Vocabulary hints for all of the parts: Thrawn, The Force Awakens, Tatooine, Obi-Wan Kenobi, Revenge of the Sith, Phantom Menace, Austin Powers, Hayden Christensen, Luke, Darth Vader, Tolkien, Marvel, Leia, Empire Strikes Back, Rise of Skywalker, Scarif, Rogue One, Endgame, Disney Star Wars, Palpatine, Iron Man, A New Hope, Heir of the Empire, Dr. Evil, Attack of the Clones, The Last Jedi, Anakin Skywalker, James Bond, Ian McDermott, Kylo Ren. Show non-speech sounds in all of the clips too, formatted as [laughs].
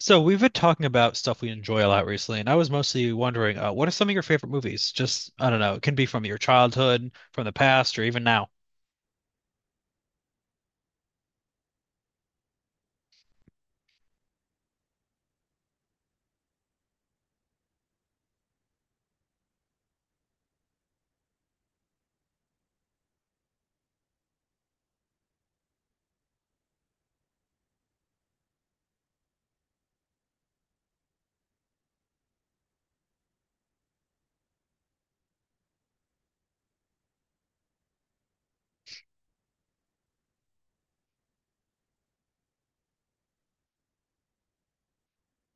So we've been talking about stuff we enjoy a lot recently, and I was mostly wondering, what are some of your favorite movies? Just, I don't know, it can be from your childhood, from the past, or even now.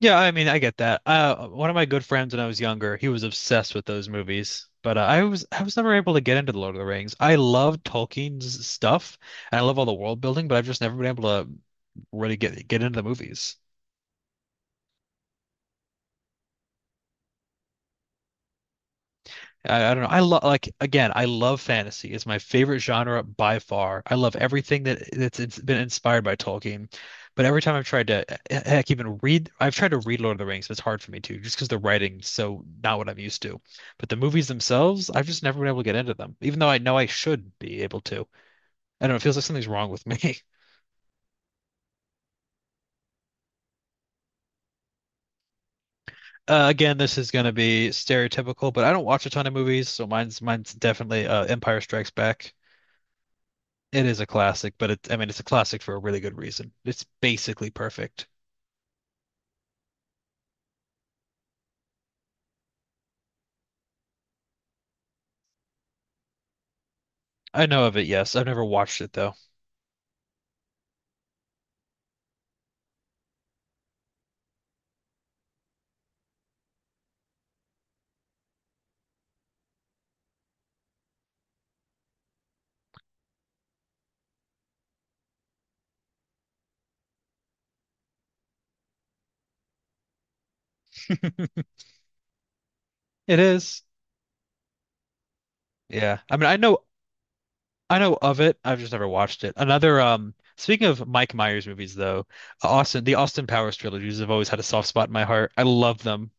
Yeah, I mean, I get that. One of my good friends when I was younger, he was obsessed with those movies, but I was never able to get into The Lord of the Rings. I love Tolkien's stuff, and I love all the world building, but I've just never been able to really get into the movies. I don't know. I love like again, I love fantasy. It's my favorite genre by far. I love everything that that's it's been inspired by Tolkien. But every time I've tried to heck even read I've tried to read Lord of the Rings, but it's hard for me to, just because the writing's so not what I'm used to. But the movies themselves, I've just never been able to get into them, even though I know I should be able to. I don't know, it feels like something's wrong with me. [laughs] Again, this is gonna be stereotypical, but I don't watch a ton of movies, so mine's definitely Empire Strikes Back. It is a classic, but I mean, it's a classic for a really good reason. It's basically perfect. I know of it, yes. I've never watched it though. It is. Yeah. I mean, I know. I know of it. I've just never watched it. Another speaking of Mike Myers movies though, Austin the Austin Powers trilogies have always had a soft spot in my heart. I love them.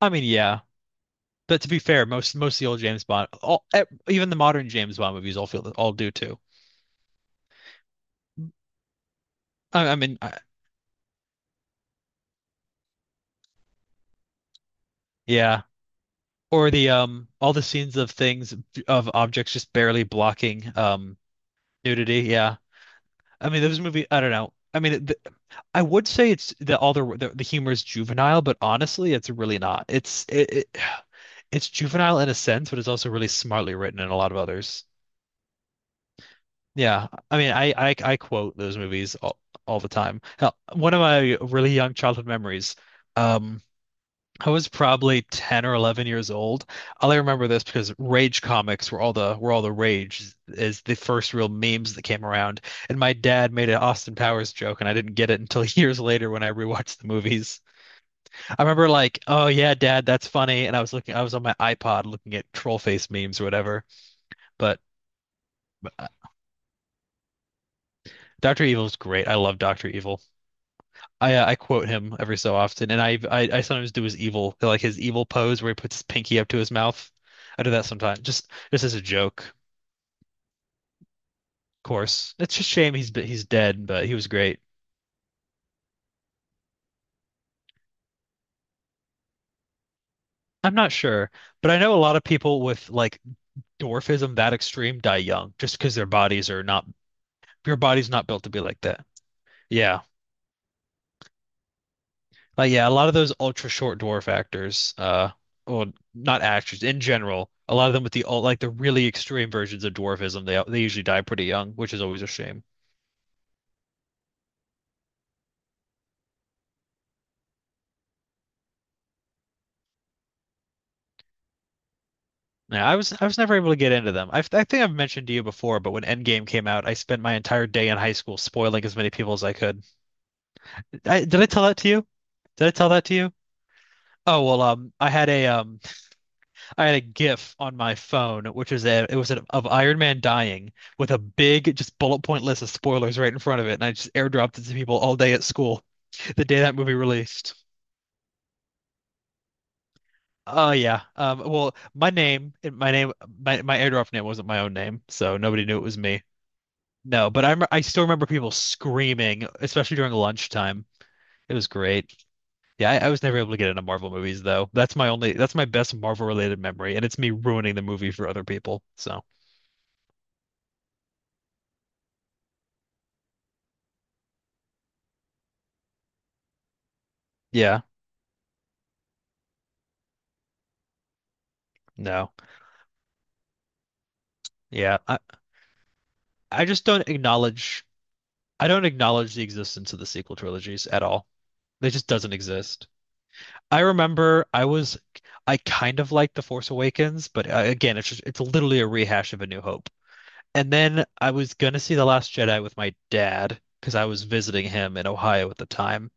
I mean, yeah. But to be fair, most of the old James Bond, even the modern James Bond movies all feel all do too. I, I mean, I, yeah. Or the all the scenes of things of objects just barely blocking nudity, yeah. I mean, this movie, I don't know. I mean, th I would say it's the all the humor is juvenile, but honestly, it's really not. It's it, it [sighs] it's juvenile in a sense, but it's also really smartly written in a lot of others. Yeah, I mean, I quote those movies all the time. Hell, one of my really young childhood memories. Um, I was probably 10 or 11 years old. All I remember this because Rage comics were all the rage is the first real memes that came around. And my dad made an Austin Powers joke and I didn't get it until [laughs] years later when I rewatched the movies. I remember like, "Oh yeah, Dad, that's funny." And I was looking. I was on my iPod looking at troll face memes or whatever. But uh, Dr. Evil's great. I love Dr. Evil. I quote him every so often, and I sometimes do his evil pose where he puts his pinky up to his mouth. I do that sometimes, just as a joke, of course. It's just a shame he's dead, but he was great. I'm not sure, but I know a lot of people with like dwarfism that extreme die young just because their bodies are not your body's not built to be like that. Yeah. But yeah, a lot of those ultra short dwarf actors, well, not actors in general, a lot of them with like the really extreme versions of dwarfism, they usually die pretty young, which is always a shame. Yeah, I was never able to get into them. I think I've mentioned to you before, but when Endgame came out, I spent my entire day in high school spoiling as many people as I could. I, did I tell that to you? Did I tell that to you? Oh well, I had a GIF on my phone, which was a it was a, of Iron Man dying with a big just bullet point list of spoilers right in front of it, and I just airdropped it to people all day at school the day that movie released. Oh yeah. Well, my name, my name, my airdrop name wasn't my own name, so nobody knew it was me. No, but I still remember people screaming, especially during lunchtime. It was great. Yeah, I was never able to get into Marvel movies though. That's my best Marvel related memory, and it's me ruining the movie for other people. So yeah, no. Yeah, I just don't acknowledge. I don't acknowledge the existence of the sequel trilogies at all. It just doesn't exist. I remember I was I kind of liked The Force Awakens, but again, it's literally a rehash of A New Hope. And then I was gonna see The Last Jedi with my dad because I was visiting him in Ohio at the time.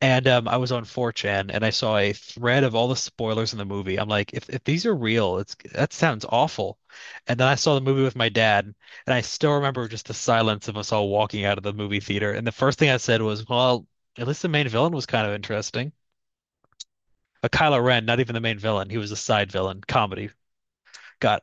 And I was on 4chan and I saw a thread of all the spoilers in the movie. I'm like, if these are real, it's that sounds awful. And then I saw the movie with my dad, and I still remember just the silence of us all walking out of the movie theater. And the first thing I said was, well, at least the main villain was kind of interesting. But Kylo Ren, not even the main villain, he was a side villain, comedy. Got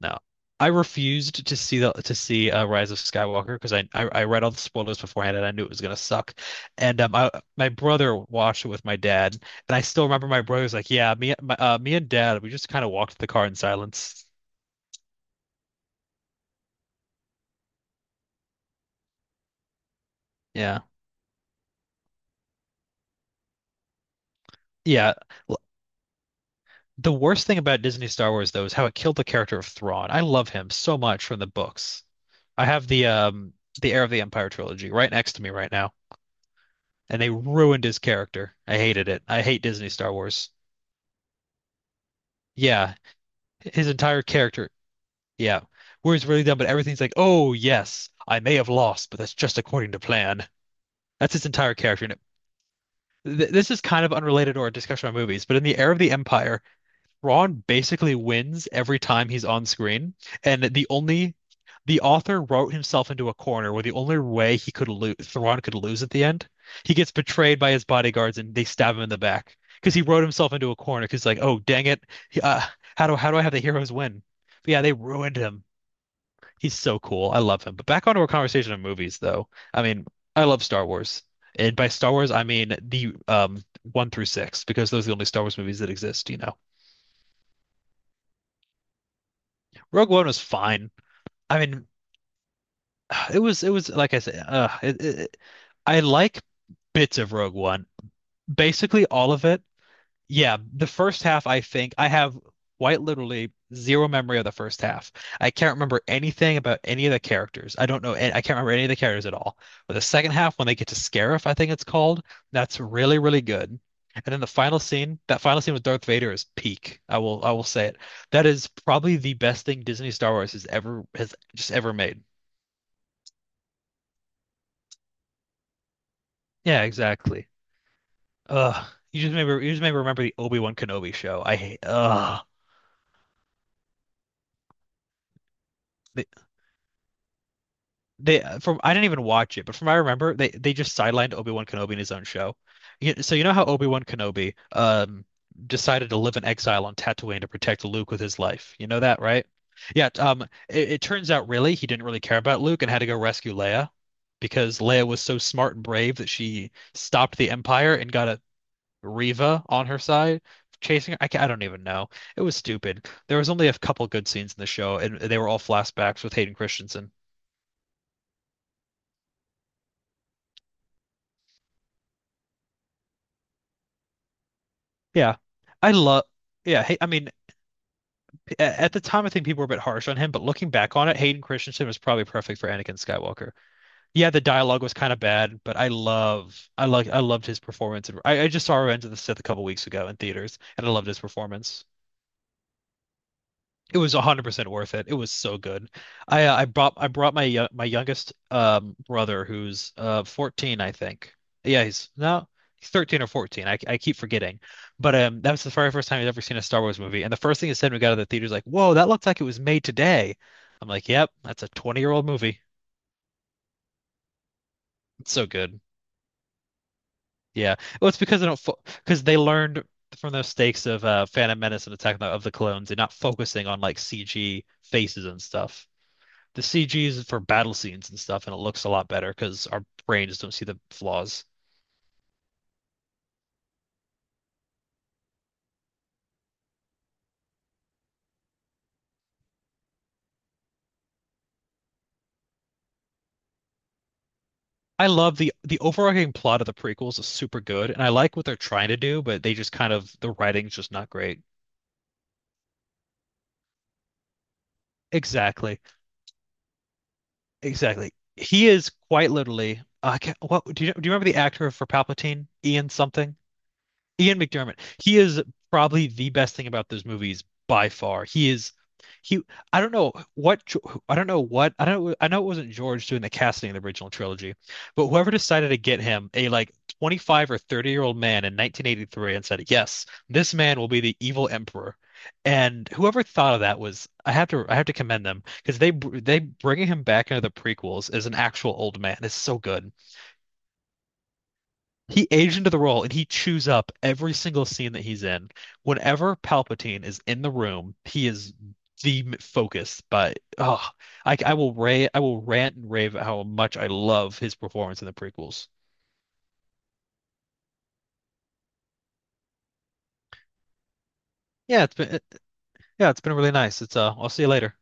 no. I refused to see the to see Rise of Skywalker because I read all the spoilers beforehand and I knew it was gonna suck, and I my brother watched it with my dad and I still remember my brother's like, yeah, me and Dad, we just kind of walked the car in silence. Yeah, yeah. L- the worst thing about Disney Star Wars though is how it killed the character of Thrawn. I love him so much from the books. I have the Heir of the Empire trilogy right next to me right now, and they ruined his character. I hated it. I hate Disney Star Wars. Yeah, his entire character. Yeah. Where it's really done, but everything's like, oh, yes, I may have lost, but that's just according to plan. That's his entire character. Th this is kind of unrelated or a discussion on movies, but in the era of the Empire, Ron basically wins every time he's on screen, and the author wrote himself into a corner where the only way Ron could lose at the end, he gets betrayed by his bodyguards and they stab him in the back because he wrote himself into a corner. Because like, oh dang it, uh, how do I have the heroes win? But yeah, they ruined him. He's so cool. I love him. But back onto our conversation of movies, though. I mean, I love Star Wars, and by Star Wars I mean the one through six, because those are the only Star Wars movies that exist. You know, Rogue One was fine. I mean, it was like I said, I like bits of Rogue One. Basically all of it. Yeah, the first half I think I have quite literally zero memory of the first half. I can't remember anything about any of the characters. I don't know an- I can't remember any of the characters at all. But the second half when they get to Scarif, I think it's called, that's really really good. And then that final scene with Darth Vader is peak. I will say it. That is probably the best thing Disney Star Wars has ever has just ever made. Yeah, exactly. Ugh. You just maybe remember the Obi-Wan Kenobi show. I hate. Ugh. They, they from I didn't even watch it, but from what I remember, they just sidelined Obi-Wan Kenobi in his own show. So you know how Obi-Wan Kenobi decided to live in exile on Tatooine to protect Luke with his life. You know that, right? Yeah, it turns out really he didn't really care about Luke and had to go rescue Leia because Leia was so smart and brave that she stopped the Empire and got Riva on her side chasing her. I don't even know. It was stupid. There was only a couple good scenes in the show, and they were all flashbacks with Hayden Christensen. Yeah, I love. Yeah, hey, I mean, at the time, I think people were a bit harsh on him, but looking back on it, Hayden Christensen was probably perfect for Anakin Skywalker. Yeah, the dialogue was kind of bad, but I like, I loved his performance. I just saw Revenge of the Sith a couple weeks ago in theaters, and I loved his performance. It was 100% worth it. It was so good. I brought my my youngest brother who's 14, I think. Yeah, he's no, he's 13 or 14. I keep forgetting. But that was the very first time he's ever seen a Star Wars movie. And the first thing he said when we got out of the theater is like, "Whoa, that looks like it was made today." I'm like, "Yep, that's a 20-year-old movie. It's so good." Yeah. Well, it's because they don't fo because they learned from the mistakes of Phantom Menace and Attack of the Clones, and not focusing on like CG faces and stuff. The CG is for battle scenes and stuff, and it looks a lot better because our brains don't see the flaws. I love the overarching plot of the prequels is super good, and I like what they're trying to do, but they just kind of the writing's just not great. Exactly, exactly. He is quite literally. I can't, what do? You remember the actor for Palpatine, Ian something? Ian McDermott. He is probably the best thing about those movies by far. He is he. I don't know what. I don't. I know it wasn't George doing the casting of the original trilogy, but whoever decided to get him a like 25 or 30-year-old man in 1983 and said, "Yes, this man will be the evil emperor." And whoever thought of that was. I have to commend them, because they bringing him back into the prequels as an actual old man is so good. He aged into the role and he chews up every single scene that he's in. Whenever Palpatine is in the room, he is the focus. But oh, I will rant and rave at how much I love his performance in the prequels. Yeah, yeah, it's been really nice. It's I'll see you later.